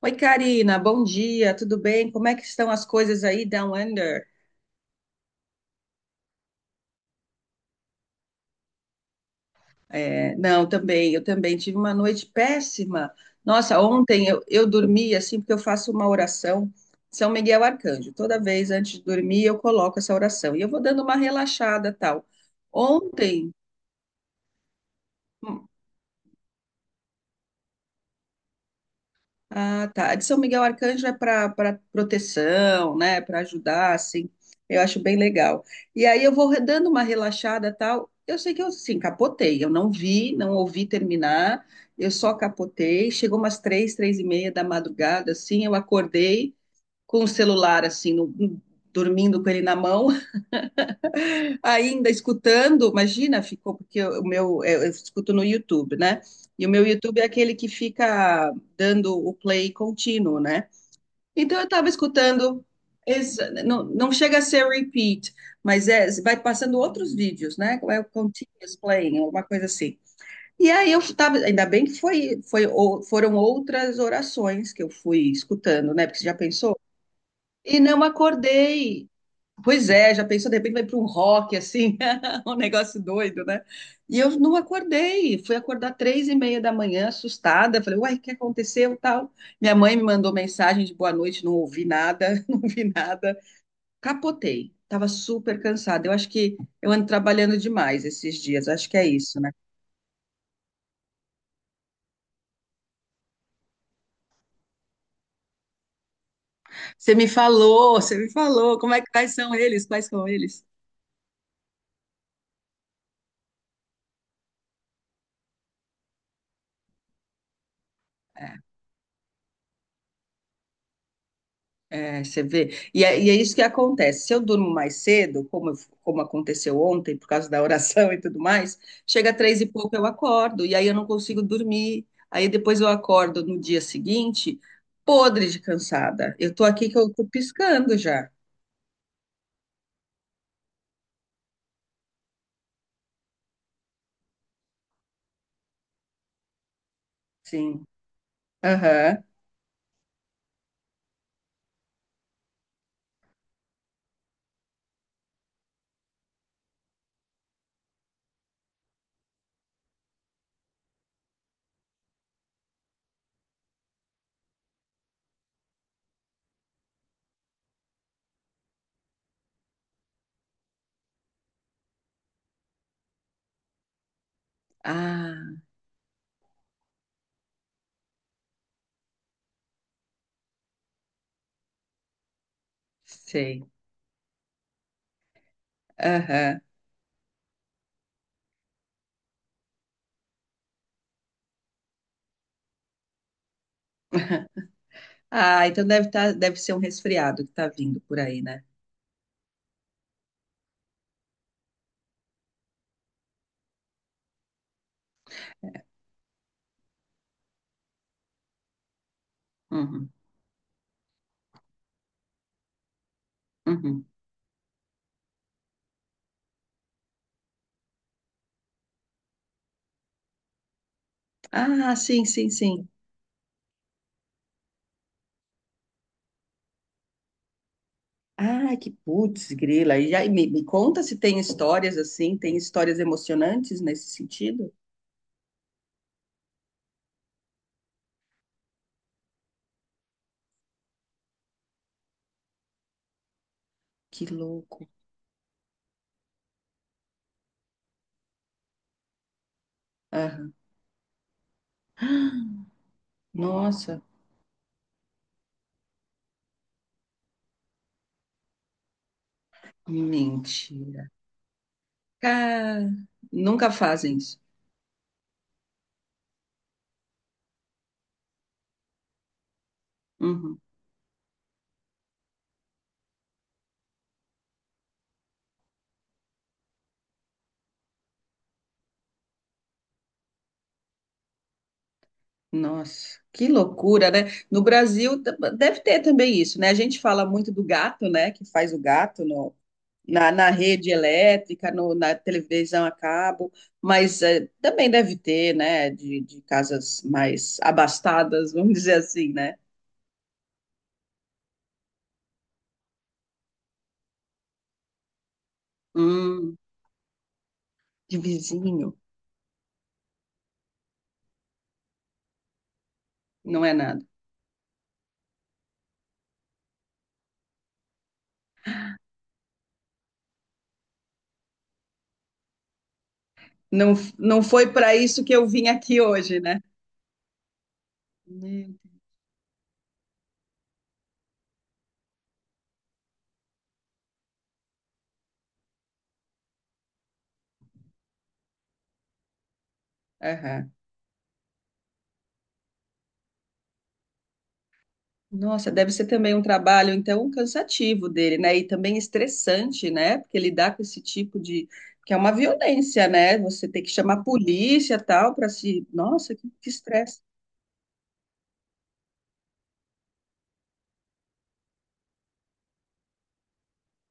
Oi, Karina, bom dia, tudo bem? Como é que estão as coisas aí, Down Under? É, não, também, eu também tive uma noite péssima. Nossa, ontem eu dormi assim, porque eu faço uma oração, São Miguel Arcanjo. Toda vez antes de dormir eu coloco essa oração e eu vou dando uma relaxada tal. Ontem, ah, tá. A de São Miguel Arcanjo é para proteção, né? Para ajudar, assim. Eu acho bem legal. E aí eu vou dando uma relaxada, tal. Eu sei que eu assim capotei. Eu não vi, não ouvi terminar. Eu só capotei. Chegou umas três, três e meia da madrugada, assim. Eu acordei com o celular, assim, dormindo com ele na mão, ainda escutando. Imagina, ficou porque o meu eu escuto no YouTube, né? E o meu YouTube é aquele que fica dando o play contínuo, né? Então eu estava escutando, não, não chega a ser repeat, mas é, vai passando outros vídeos, né? É o continuous playing, alguma coisa assim. E aí eu estava, ainda bem que foi, foram outras orações que eu fui escutando, né? Porque você já pensou? E não acordei. Pois é, já pensou, de repente vai para um rock, assim, um negócio doido, né? E eu não acordei, fui acordar três e meia da manhã, assustada, falei, uai, o que aconteceu, tal? Minha mãe me mandou mensagem de boa noite, não ouvi nada, não vi nada. Capotei, estava super cansada, eu acho que eu ando trabalhando demais esses dias, acho que é isso, né? Você me falou, como é que, quais são eles, quais são eles? É. É, você vê. E é isso que acontece. Se eu durmo mais cedo, como, como aconteceu ontem, por causa da oração e tudo mais, chega três e pouco eu acordo, e aí eu não consigo dormir. Aí depois eu acordo no dia seguinte, podre de cansada. Eu tô aqui que eu tô piscando já. Sim. Aham. Ah, sei. Aham. Ah, então deve tá, deve ser um resfriado que tá vindo por aí, né? Uhum. Uhum. Ah, sim, sim, sim. Ah, que putz, grila. E aí, me conta se tem histórias assim, tem histórias emocionantes nesse sentido? Que louco. Aham. Nossa, mentira. Cara, nunca fazem isso. Uhum. Nossa, que loucura, né? No Brasil deve ter também isso, né? A gente fala muito do gato, né? Que faz o gato na, na rede elétrica, no, na televisão a cabo, mas eh, também deve ter, né, de casas mais abastadas, vamos dizer assim, né? Hum, de vizinho, não é nada. Não, não foi para isso que eu vim aqui hoje, né? Meu Deus. Aham. Nossa, deve ser também um trabalho, então, cansativo dele, né? E também estressante, né? Porque lidar com esse tipo de. Que é uma violência, né? Você tem que chamar a polícia tal para se. Nossa, que estresse.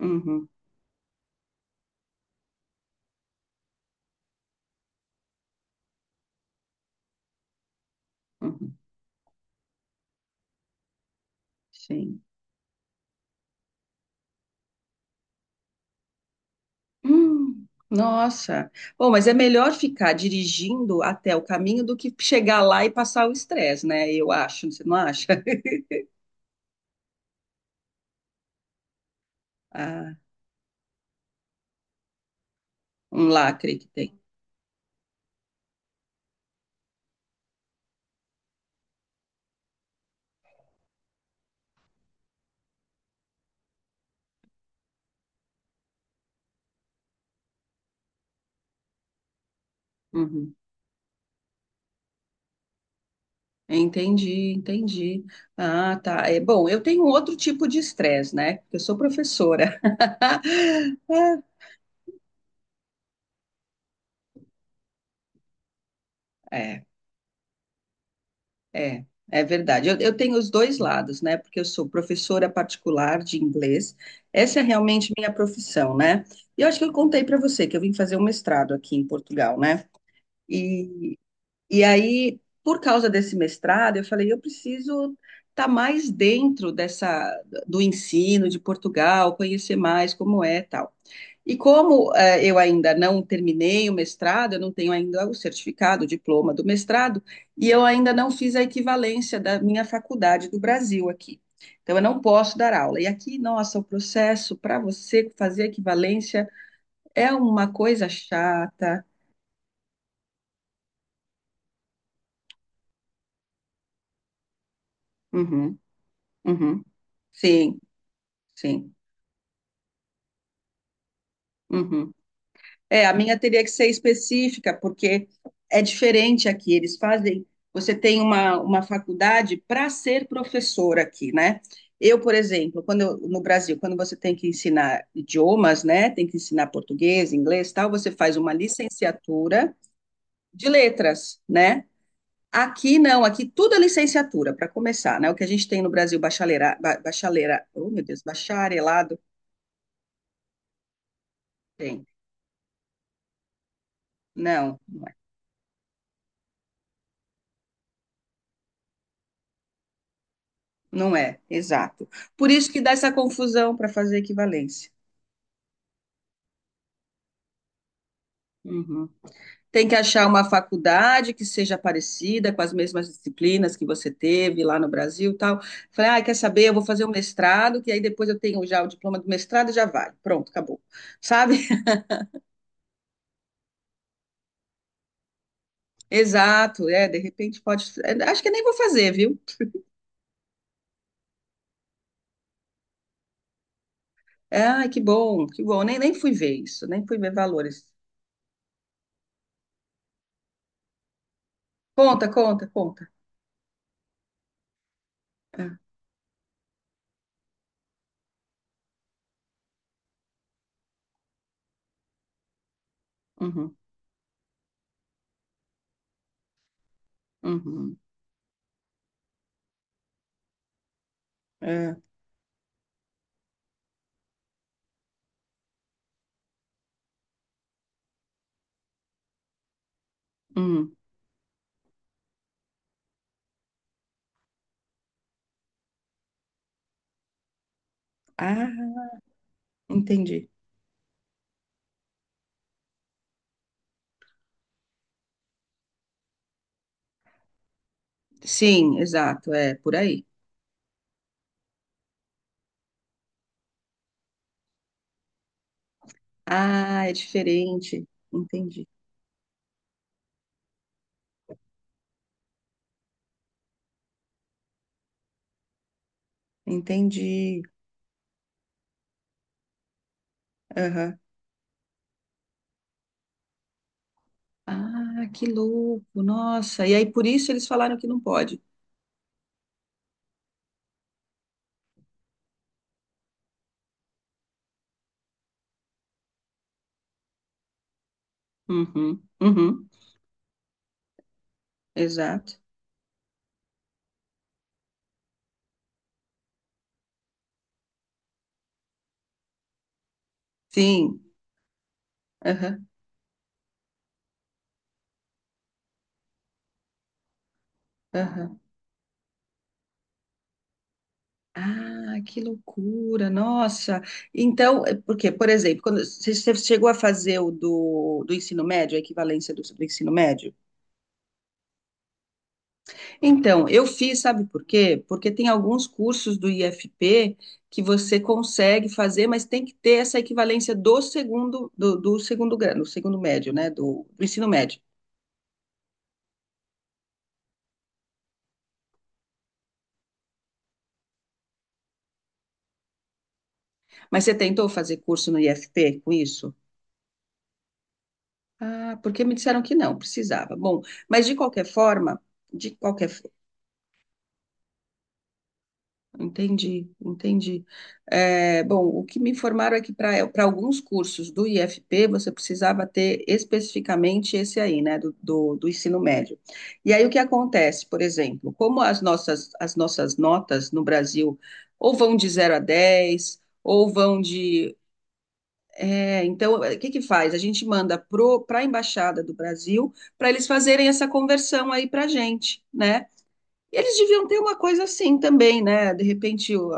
Uhum. Uhum, sim. Nossa. Bom, mas é melhor ficar dirigindo até o caminho do que chegar lá e passar o estresse, né? Eu acho, você não acha? Ah, um lacre que tem. Uhum. Entendi, entendi. Ah, tá. É bom, eu tenho outro tipo de estresse, né? Porque eu sou professora. Ah. É. É, é verdade. Eu tenho os dois lados, né? Porque eu sou professora particular de inglês. Essa é realmente minha profissão, né? E eu acho que eu contei para você que eu vim fazer um mestrado aqui em Portugal, né? E, e aí, por causa desse mestrado, eu falei, eu preciso estar mais dentro dessa do ensino de Portugal, conhecer mais como é, e tal. E como eu ainda não terminei o mestrado, eu não tenho ainda o certificado, o diploma do mestrado, e eu ainda não fiz a equivalência da minha faculdade do Brasil aqui. Então, eu não posso dar aula. E aqui, nossa, o processo para você fazer a equivalência é uma coisa chata. Uhum, uhum. Sim, sim. Uhum. É, a minha teria que ser específica, porque é diferente aqui. Eles fazem. Você tem uma faculdade para ser professor aqui, né? Eu, por exemplo, quando no Brasil, quando você tem que ensinar idiomas, né? Tem que ensinar português, inglês, tal, você faz uma licenciatura de letras, né? Aqui não, aqui tudo é licenciatura, para começar, né? O que a gente tem no Brasil, bachaleira, bachaleira, oh meu Deus, bacharelado, tem. Não. Não é, exato. Por isso que dá essa confusão para fazer equivalência. Uhum. Tem que achar uma faculdade que seja parecida com as mesmas disciplinas que você teve lá no Brasil, e tal. Falei, ah, quer saber? Eu vou fazer um mestrado, que aí depois eu tenho já o diploma do mestrado e já vai. Pronto, acabou. Sabe? Exato, é, de repente pode. É, acho que nem vou fazer, viu? Ah, que bom, que bom. Nem, nem fui ver isso, nem fui ver valores. Conta, conta, conta. É, uhum, uhum, é, hum. Ah, entendi. Sim, exato, é por aí. Ah, é diferente. Entendi, entendi. Aham. Ah, que louco, nossa. E aí por isso eles falaram que não pode. Uhum, uhum, exato. Sim, aham, aham. Ah, que loucura, nossa. Então, é porque, por exemplo, quando você chegou a fazer o do, do ensino médio, a equivalência do, do ensino médio? Então, eu fiz, sabe por quê? Porque tem alguns cursos do IFP que você consegue fazer, mas tem que ter essa equivalência do segundo, do, do segundo grau, do segundo médio, né? Do, do ensino médio. Mas você tentou fazer curso no IFP com isso? Ah, porque me disseram que não, precisava. Bom, mas de qualquer forma, de qualquer. Entendi, entendi. É, bom, o que me informaram é que para alguns cursos do IFP você precisava ter especificamente esse aí, né, do, do, do ensino médio. E aí o que acontece, por exemplo, como as nossas notas no Brasil ou vão de zero a 10 ou vão de. É, então, o que que faz? A gente manda para a Embaixada do Brasil para eles fazerem essa conversão aí para a gente, né? E eles deviam ter uma coisa assim também, né? De repente, o-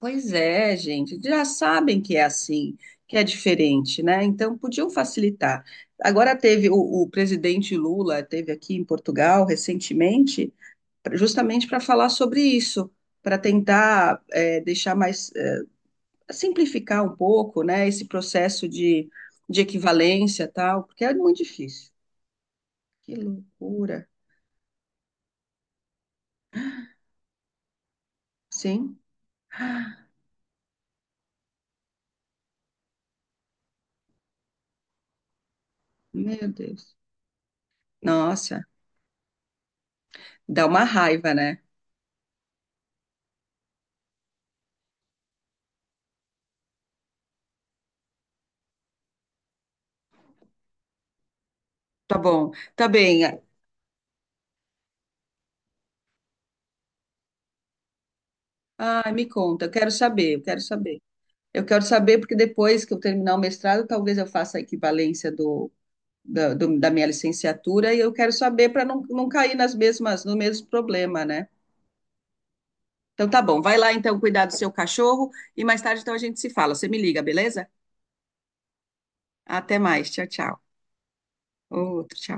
Pois é, gente, já sabem que é assim, que é diferente, né? Então podiam facilitar. Agora teve o presidente Lula teve aqui em Portugal recentemente, justamente para falar sobre isso, para tentar deixar mais simplificar um pouco, né? Esse processo de equivalência e tal, porque é muito difícil. Que loucura, sim? Meu Deus. Nossa, dá uma raiva, né? Tá bom, tá bem. Ah, me conta, eu quero saber, eu quero saber. Eu quero saber porque depois que eu terminar o mestrado, talvez eu faça a equivalência do, da, da minha licenciatura e eu quero saber para não, não cair nas mesmas, no mesmo problema, né? Então tá bom, vai lá então cuidar do seu cachorro e mais tarde então a gente se fala. Você me liga, beleza? Até mais, tchau, tchau. Outro, tchau.